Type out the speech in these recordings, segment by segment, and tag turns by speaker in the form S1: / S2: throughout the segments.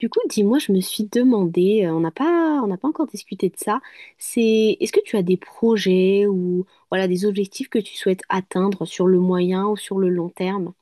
S1: Du coup, dis-moi, je me suis demandé, on n'a pas encore discuté de ça, c'est est-ce que tu as des projets ou voilà des objectifs que tu souhaites atteindre sur le moyen ou sur le long terme?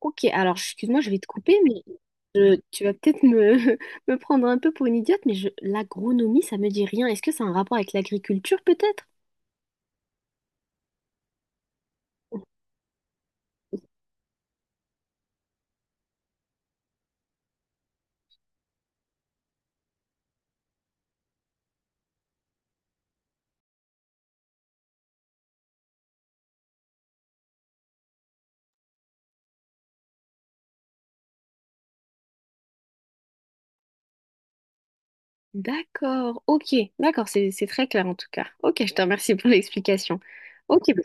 S1: Ok, alors excuse-moi, je vais te couper, mais tu vas peut-être me, me prendre un peu pour une idiote, mais l'agronomie, ça me dit rien. Est-ce que c'est un rapport avec l'agriculture, peut-être? D'accord, ok, d'accord, c'est très clair en tout cas. Ok, je te remercie pour l'explication. Ok, bah-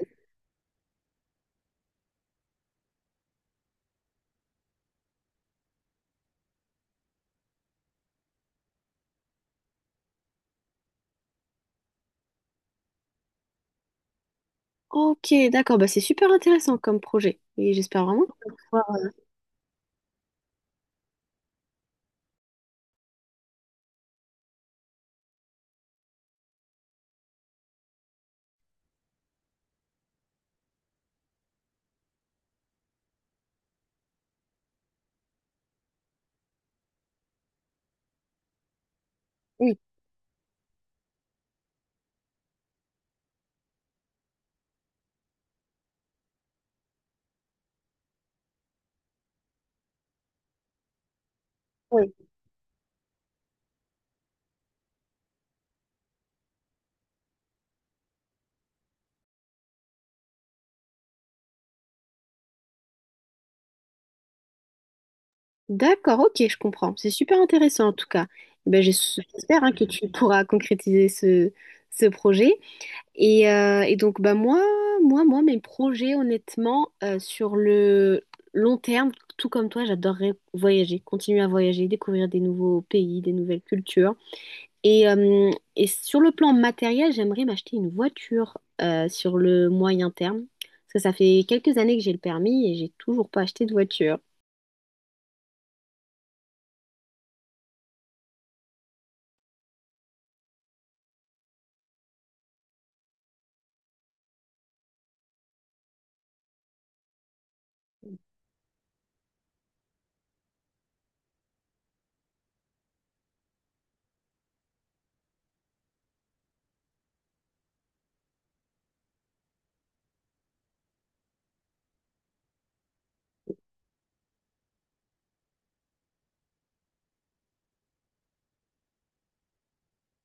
S1: ok, d'accord, bah c'est super intéressant comme projet. Et j'espère vraiment que tu vas pouvoir- Oui, oui. D'accord, ok, je comprends. C'est super intéressant en tout cas. Eh Ben, j'espère hein, que tu pourras concrétiser ce, ce projet. Et donc, bah, moi, mes projets, honnêtement, sur le long terme, tout comme toi, j'adorerais voyager, continuer à voyager, découvrir des nouveaux pays, des nouvelles cultures. Et, euh, et sur le plan matériel, j'aimerais m'acheter une voiture sur le moyen terme. Parce que ça fait quelques années que j'ai le permis et j'ai toujours pas acheté de voiture.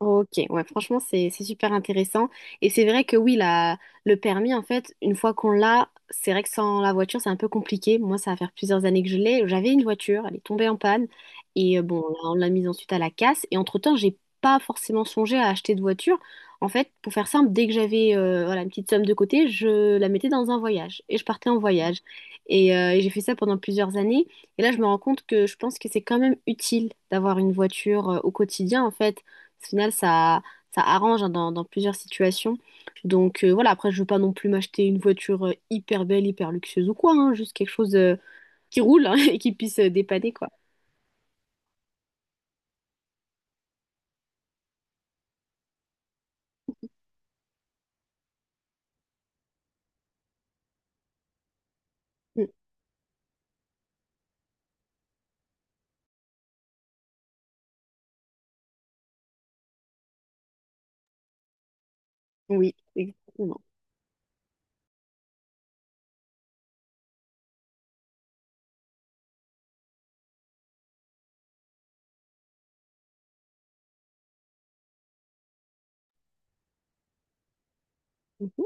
S1: Ok, ouais, franchement, c'est super intéressant. Et c'est vrai que oui, la, le permis, en fait, une fois qu'on l'a, c'est vrai que sans la voiture, c'est un peu compliqué. Moi, ça va faire plusieurs années que je l'ai. J'avais une voiture, elle est tombée en panne. Et bon, on l'a mise ensuite à la casse. Et entre-temps, j'ai pas forcément songé à acheter de voiture. En fait, pour faire simple, dès que j'avais voilà, une petite somme de côté, je la mettais dans un voyage. Et je partais en voyage. Et j'ai fait ça pendant plusieurs années. Et là, je me rends compte que je pense que c'est quand même utile d'avoir une voiture au quotidien, en fait. Au final, ça arrange hein, dans plusieurs situations. Donc voilà, après, je veux pas non plus m'acheter une voiture hyper belle, hyper luxueuse ou quoi, hein, juste quelque chose qui roule hein, et qui puisse dépanner, quoi. Mm. Oui, exactement. Mhm.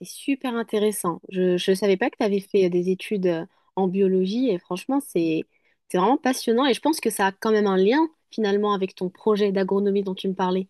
S1: C'est super intéressant. Je ne savais pas que tu avais fait des études en biologie et franchement, c'est vraiment passionnant et je pense que ça a quand même un lien finalement avec ton projet d'agronomie dont tu me parlais.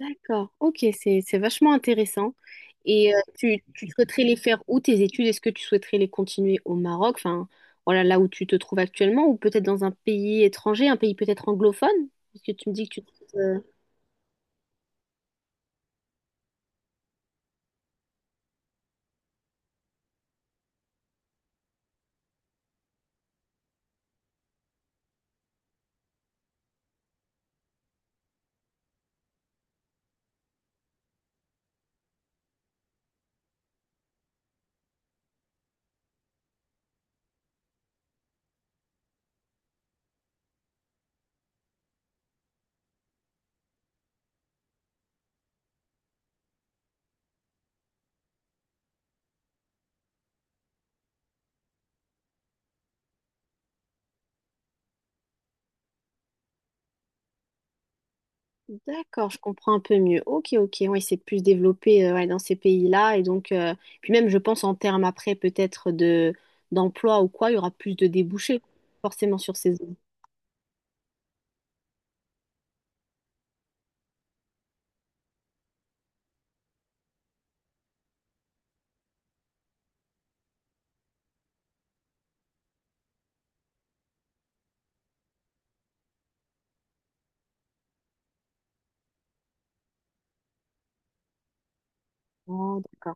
S1: D'accord, ok, c'est vachement intéressant. Et tu souhaiterais les faire où tes études? Est-ce que tu souhaiterais les continuer au Maroc, enfin voilà là où tu te trouves actuellement, ou peut-être dans un pays étranger, un pays peut-être anglophone? Parce que tu me dis que D'accord, je comprends un peu mieux. Ok, ok, ouais, c'est plus développé ouais, dans ces pays-là. Et donc, puis même, je pense en termes après peut-être de d'emploi ou quoi, il y aura plus de débouchés forcément sur ces. Oh, d'accord.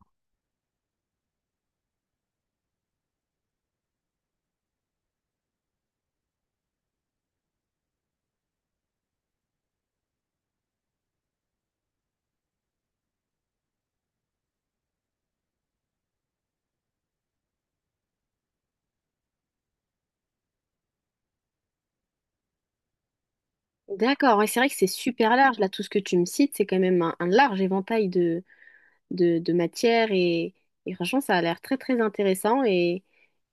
S1: D'accord, ouais, c'est vrai que c'est super large. Là, tout ce que tu me cites, c'est quand même un large éventail de matières et franchement, ça a l'air très très intéressant et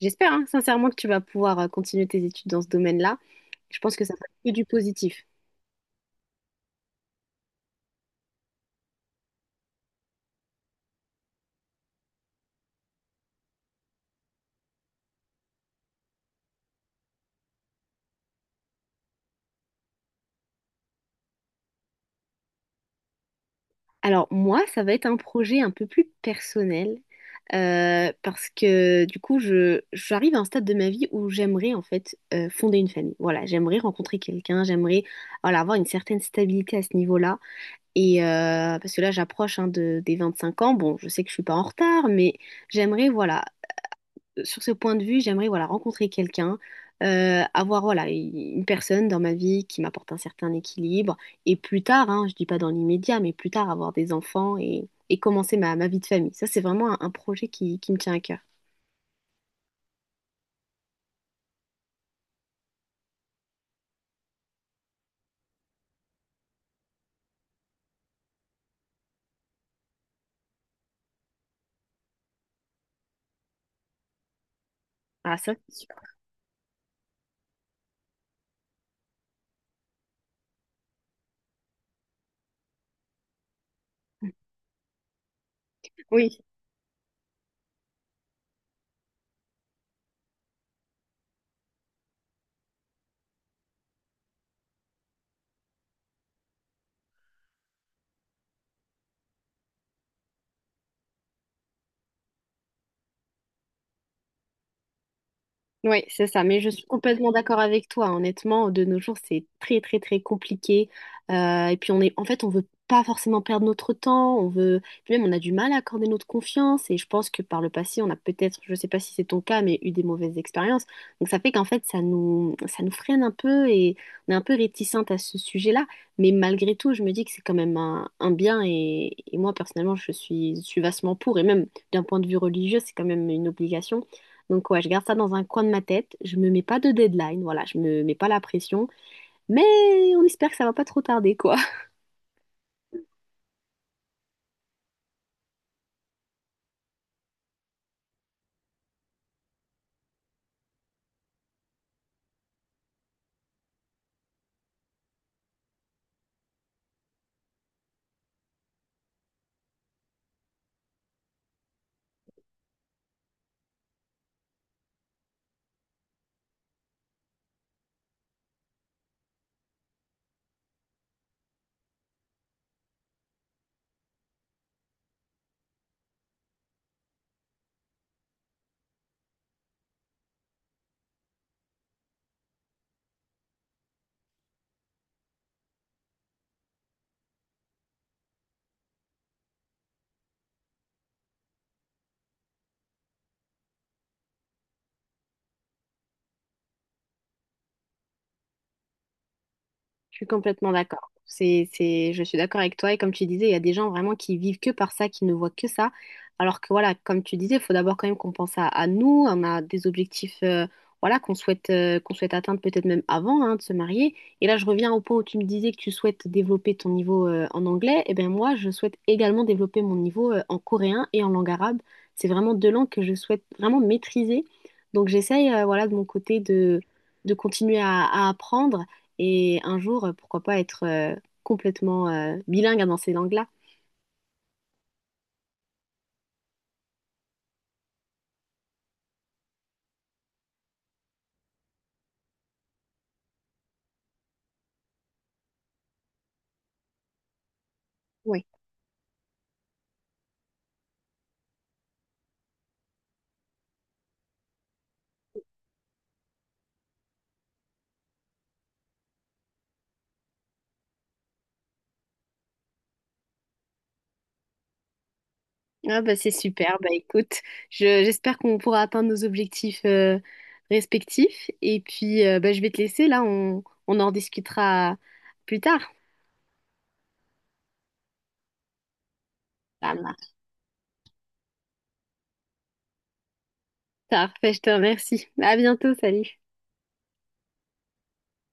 S1: j'espère hein, sincèrement que tu vas pouvoir continuer tes études dans ce domaine-là. Je pense que ça va être que du positif. Alors moi, ça va être un projet un peu plus personnel parce que du coup, j'arrive à un stade de ma vie où j'aimerais en fait fonder une famille. Voilà, j'aimerais rencontrer quelqu'un, j'aimerais voilà, avoir une certaine stabilité à ce niveau-là. Et parce que là, j'approche hein, de, des 25 ans. Bon, je sais que je suis pas en retard, mais j'aimerais, voilà, sur ce point de vue, j'aimerais, voilà, rencontrer quelqu'un, avoir, voilà, une personne dans ma vie qui m'apporte un certain équilibre. Et plus tard, hein, je dis pas dans l'immédiat, mais plus tard, avoir des enfants et commencer ma vie de famille. Ça, c'est vraiment un projet qui me tient à cœur. Ah, ça, c'est sûr. Oui. Oui, c'est ça, mais je suis complètement d'accord avec toi. Hein. Honnêtement, de nos jours, c'est très très très compliqué. Et puis on est, en fait, on veut pas forcément perdre notre temps. On veut, puis même on a du mal à accorder notre confiance. Et je pense que par le passé, on a peut-être, je sais pas si c'est ton cas, mais eu des mauvaises expériences. Donc ça fait qu'en fait, ça nous freine un peu et on est un peu réticente à ce sujet-là. Mais malgré tout, je me dis que c'est quand même un bien. Et moi personnellement, je suis vastement pour. Et même d'un point de vue religieux, c'est quand même une obligation. Donc ouais, je garde ça dans un coin de ma tête. Je me mets pas de deadline, voilà, je me mets pas la pression, mais on espère que ça va pas trop tarder, quoi. Je suis complètement d'accord. Je suis d'accord avec toi. Et comme tu disais, il y a des gens vraiment qui vivent que par ça, qui ne voient que ça. Alors que voilà, comme tu disais, il faut d'abord quand même qu'on pense à nous. On a des objectifs, voilà, qu'on souhaite atteindre peut-être même avant, hein, de se marier. Et là, je reviens au point où tu me disais que tu souhaites développer ton niveau, en anglais. Et bien moi, je souhaite également développer mon niveau, en coréen et en langue arabe. C'est vraiment deux langues que je souhaite vraiment maîtriser. Donc j'essaye, voilà, de mon côté de continuer à apprendre. Et un jour, pourquoi pas être complètement bilingue dans ces langues-là. Ouais. Ah bah c'est super. Bah écoute, j'espère qu'on pourra atteindre nos objectifs respectifs. Et puis bah, je vais te laisser là, on en discutera plus tard. Ça marche. Parfait, je te remercie. À bientôt, salut.